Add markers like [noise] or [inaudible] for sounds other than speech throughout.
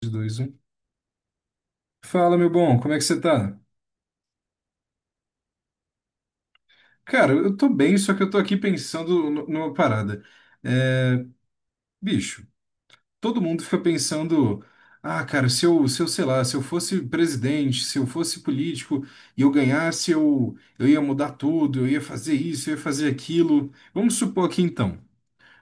3, 2, 1. Fala, meu bom, como é que você tá? Cara, eu tô bem, só que eu tô aqui pensando numa parada. É, bicho, todo mundo fica pensando, ah, cara, se eu, sei lá, se eu fosse presidente, se eu fosse político e eu ganhasse, eu ia mudar tudo, eu ia fazer isso, eu ia fazer aquilo. Vamos supor aqui então.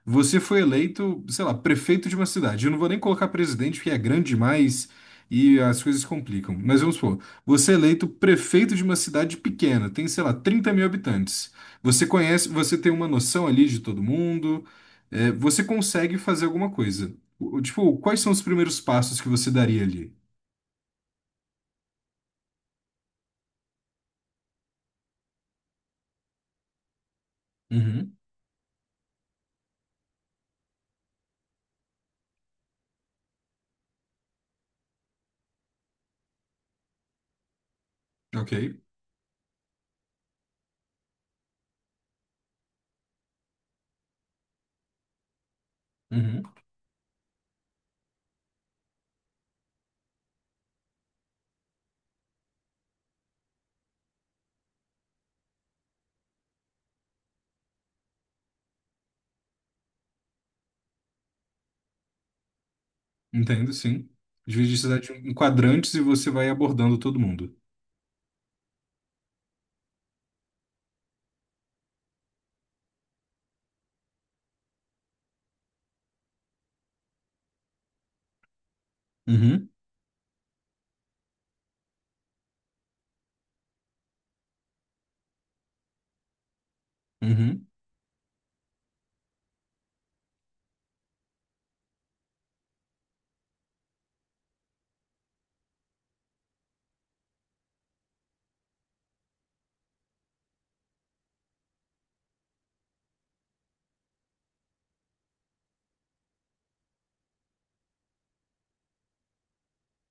Você foi eleito, sei lá, prefeito de uma cidade. Eu não vou nem colocar presidente, porque é grande demais e as coisas complicam. Mas vamos supor, você é eleito prefeito de uma cidade pequena, tem, sei lá, 30.000 habitantes. Você conhece, você tem uma noção ali de todo mundo, você consegue fazer alguma coisa. Tipo, quais são os primeiros passos que você daria ali? Uhum, ok. Uhum, entendo, sim. Divide a cidade em quadrantes e você vai abordando todo mundo. Uhum, uhum.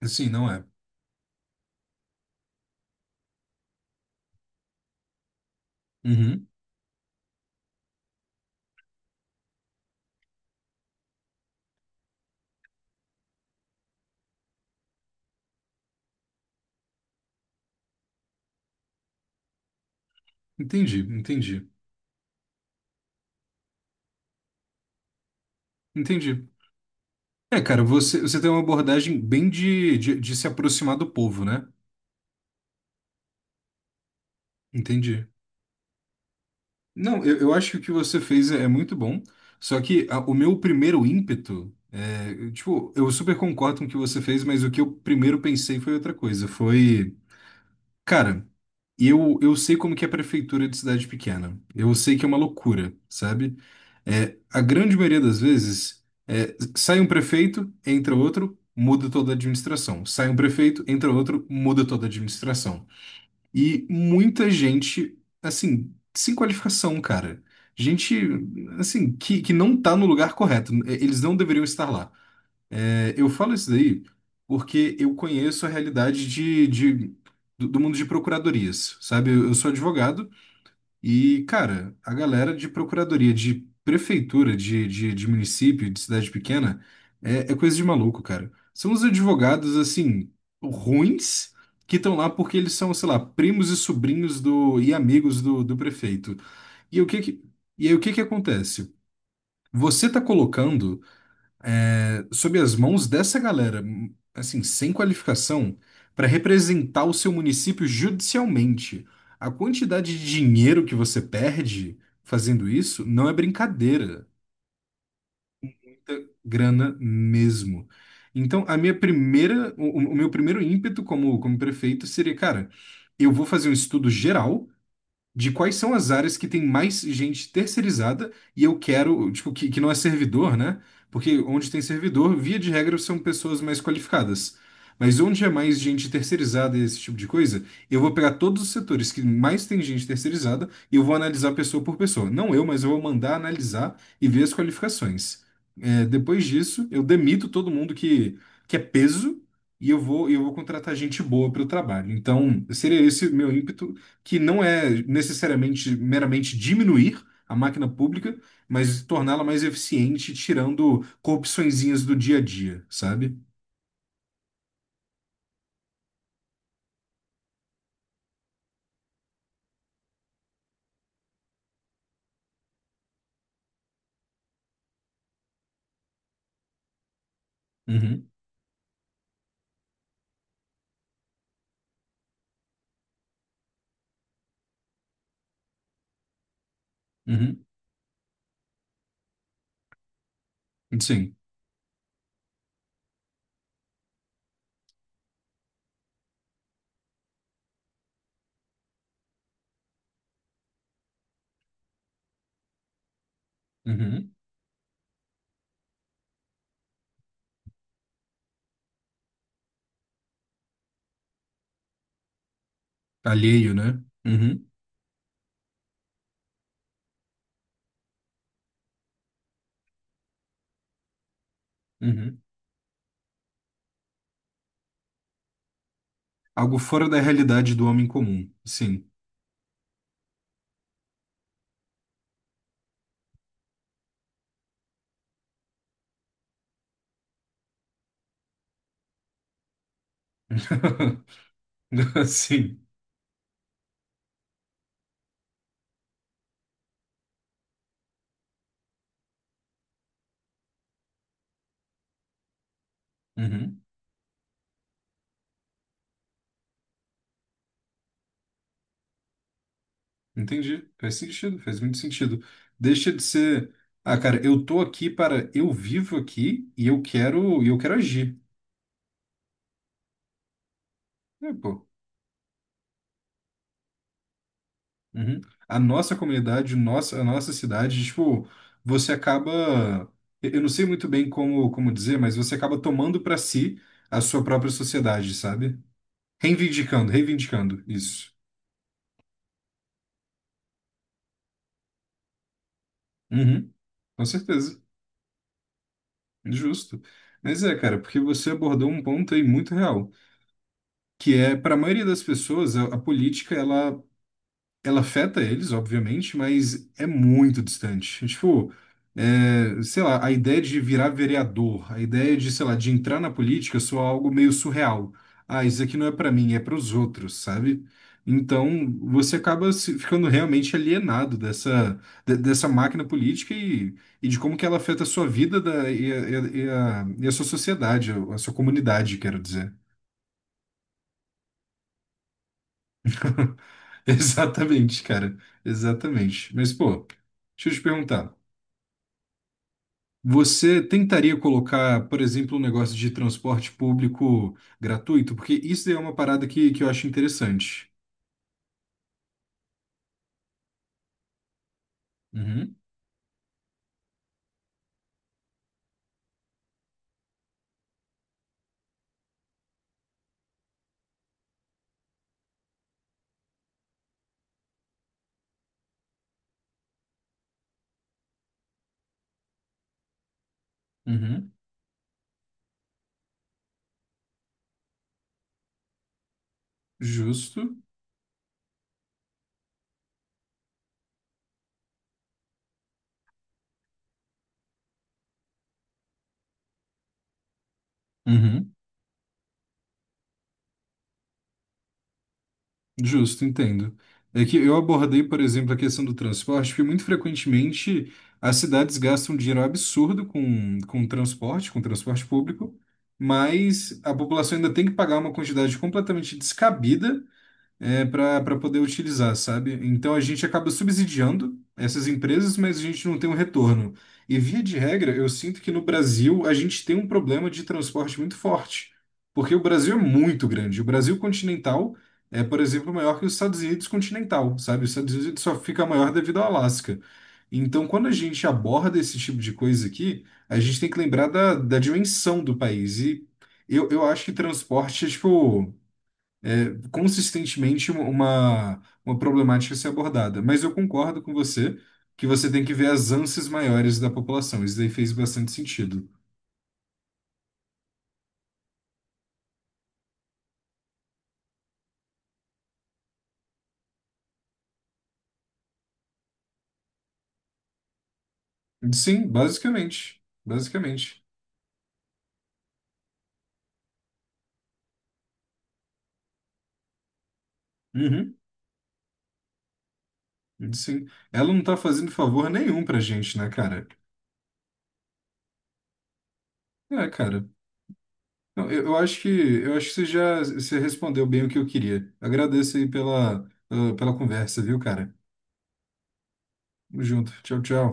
Assim, não é. Uhum. Entendi, entendi, Entendi. É, cara, você tem uma abordagem bem de se aproximar do povo, né? Entendi. Não, eu acho que o que você fez é muito bom, só que o meu primeiro ímpeto, tipo, eu super concordo com o que você fez, mas o que eu primeiro pensei foi outra coisa, foi, cara, eu sei como que é a prefeitura de cidade pequena, eu sei que é uma loucura, sabe? É, a grande maioria das vezes, é, sai um prefeito, entra outro, muda toda a administração. Sai um prefeito, entra outro, muda toda a administração. E muita gente, assim, sem qualificação, cara. Gente, assim, que não tá no lugar correto. É, eles não deveriam estar lá. É, eu falo isso daí porque eu conheço a realidade do, do mundo de procuradorias, sabe? Eu sou advogado e, cara, a galera de procuradoria, de prefeitura, de município, de cidade pequena, é coisa de maluco, cara. São os advogados, assim, ruins, que estão lá porque eles são, sei lá, primos e sobrinhos do, e amigos do, do prefeito. E o que que, e aí, o que que acontece? Você tá colocando sob as mãos dessa galera, assim, sem qualificação, para representar o seu município judicialmente. A quantidade de dinheiro que você perde fazendo isso não é brincadeira. É muita grana mesmo. Então, a minha primeira, o meu primeiro ímpeto como prefeito seria, cara, eu vou fazer um estudo geral de quais são as áreas que tem mais gente terceirizada e eu quero, tipo, que não é servidor, né? Porque onde tem servidor, via de regra, são pessoas mais qualificadas. Mas onde é mais gente terceirizada e esse tipo de coisa, eu vou pegar todos os setores que mais tem gente terceirizada e eu vou analisar pessoa por pessoa. Não eu, mas eu vou mandar analisar e ver as qualificações. É, depois disso, eu demito todo mundo que é peso e eu vou contratar gente boa para o trabalho. Então, seria esse o meu ímpeto que não é necessariamente meramente diminuir a máquina pública, mas torná-la mais eficiente, tirando corrupçõezinhas do dia a dia, sabe? Uhum, uhum, sim, uhum. Alheio, né? Uhum, uhum. Algo fora da realidade do homem comum, sim. [laughs] Sim. Uhum. Entendi. Faz sentido, faz muito sentido. Deixa de ser. Ah, cara, eu tô aqui para. Eu vivo aqui e e eu quero agir. É, pô. Uhum. A nossa comunidade, nossa, a nossa cidade, tipo, você acaba, eu não sei muito bem como dizer, mas você acaba tomando para si a sua própria sociedade, sabe? Reivindicando isso. Uhum. Com certeza, justo. Mas é, cara, porque você abordou um ponto aí muito real, que é, para a maioria das pessoas, a política, ela afeta eles, obviamente, mas é muito distante. É tipo, é, sei lá, a ideia de virar vereador, a ideia de, sei lá, de entrar na política soa algo meio surreal. Ah, isso aqui não é pra mim, é para os outros, sabe? Então, você acaba ficando realmente alienado dessa, dessa máquina política e de como que ela afeta a sua vida e a sua sociedade, a sua comunidade, quero dizer. [laughs] Exatamente, cara. Exatamente. Mas, pô, deixa eu te perguntar. Você tentaria colocar, por exemplo, um negócio de transporte público gratuito? Porque isso daí é uma parada que eu acho interessante. Uhum, uhum. Justo. Uhum. Justo, entendo. É que eu abordei, por exemplo, a questão do transporte, porque muito frequentemente as cidades gastam um dinheiro absurdo com transporte público, mas a população ainda tem que pagar uma quantidade completamente descabida é, para poder utilizar, sabe? Então a gente acaba subsidiando essas empresas, mas a gente não tem um retorno. E via de regra, eu sinto que no Brasil a gente tem um problema de transporte muito forte, porque o Brasil é muito grande. O Brasil continental é, por exemplo, maior que os Estados Unidos continental, sabe? Os Estados Unidos só fica maior devido ao Alasca. Então, quando a gente aborda esse tipo de coisa aqui, a gente tem que lembrar da dimensão do país. E eu acho que transporte é tipo consistentemente uma problemática a ser abordada. Mas eu concordo com você que você tem que ver as ânsias maiores da população. Isso daí fez bastante sentido. Sim, basicamente. Basicamente. Uhum, sim. Ela não tá fazendo favor nenhum pra gente, né, cara? É, cara. Não, eu, eu acho que você respondeu bem o que eu queria. Agradeço aí pela, pela conversa, viu, cara? Tamo junto. Tchau, tchau.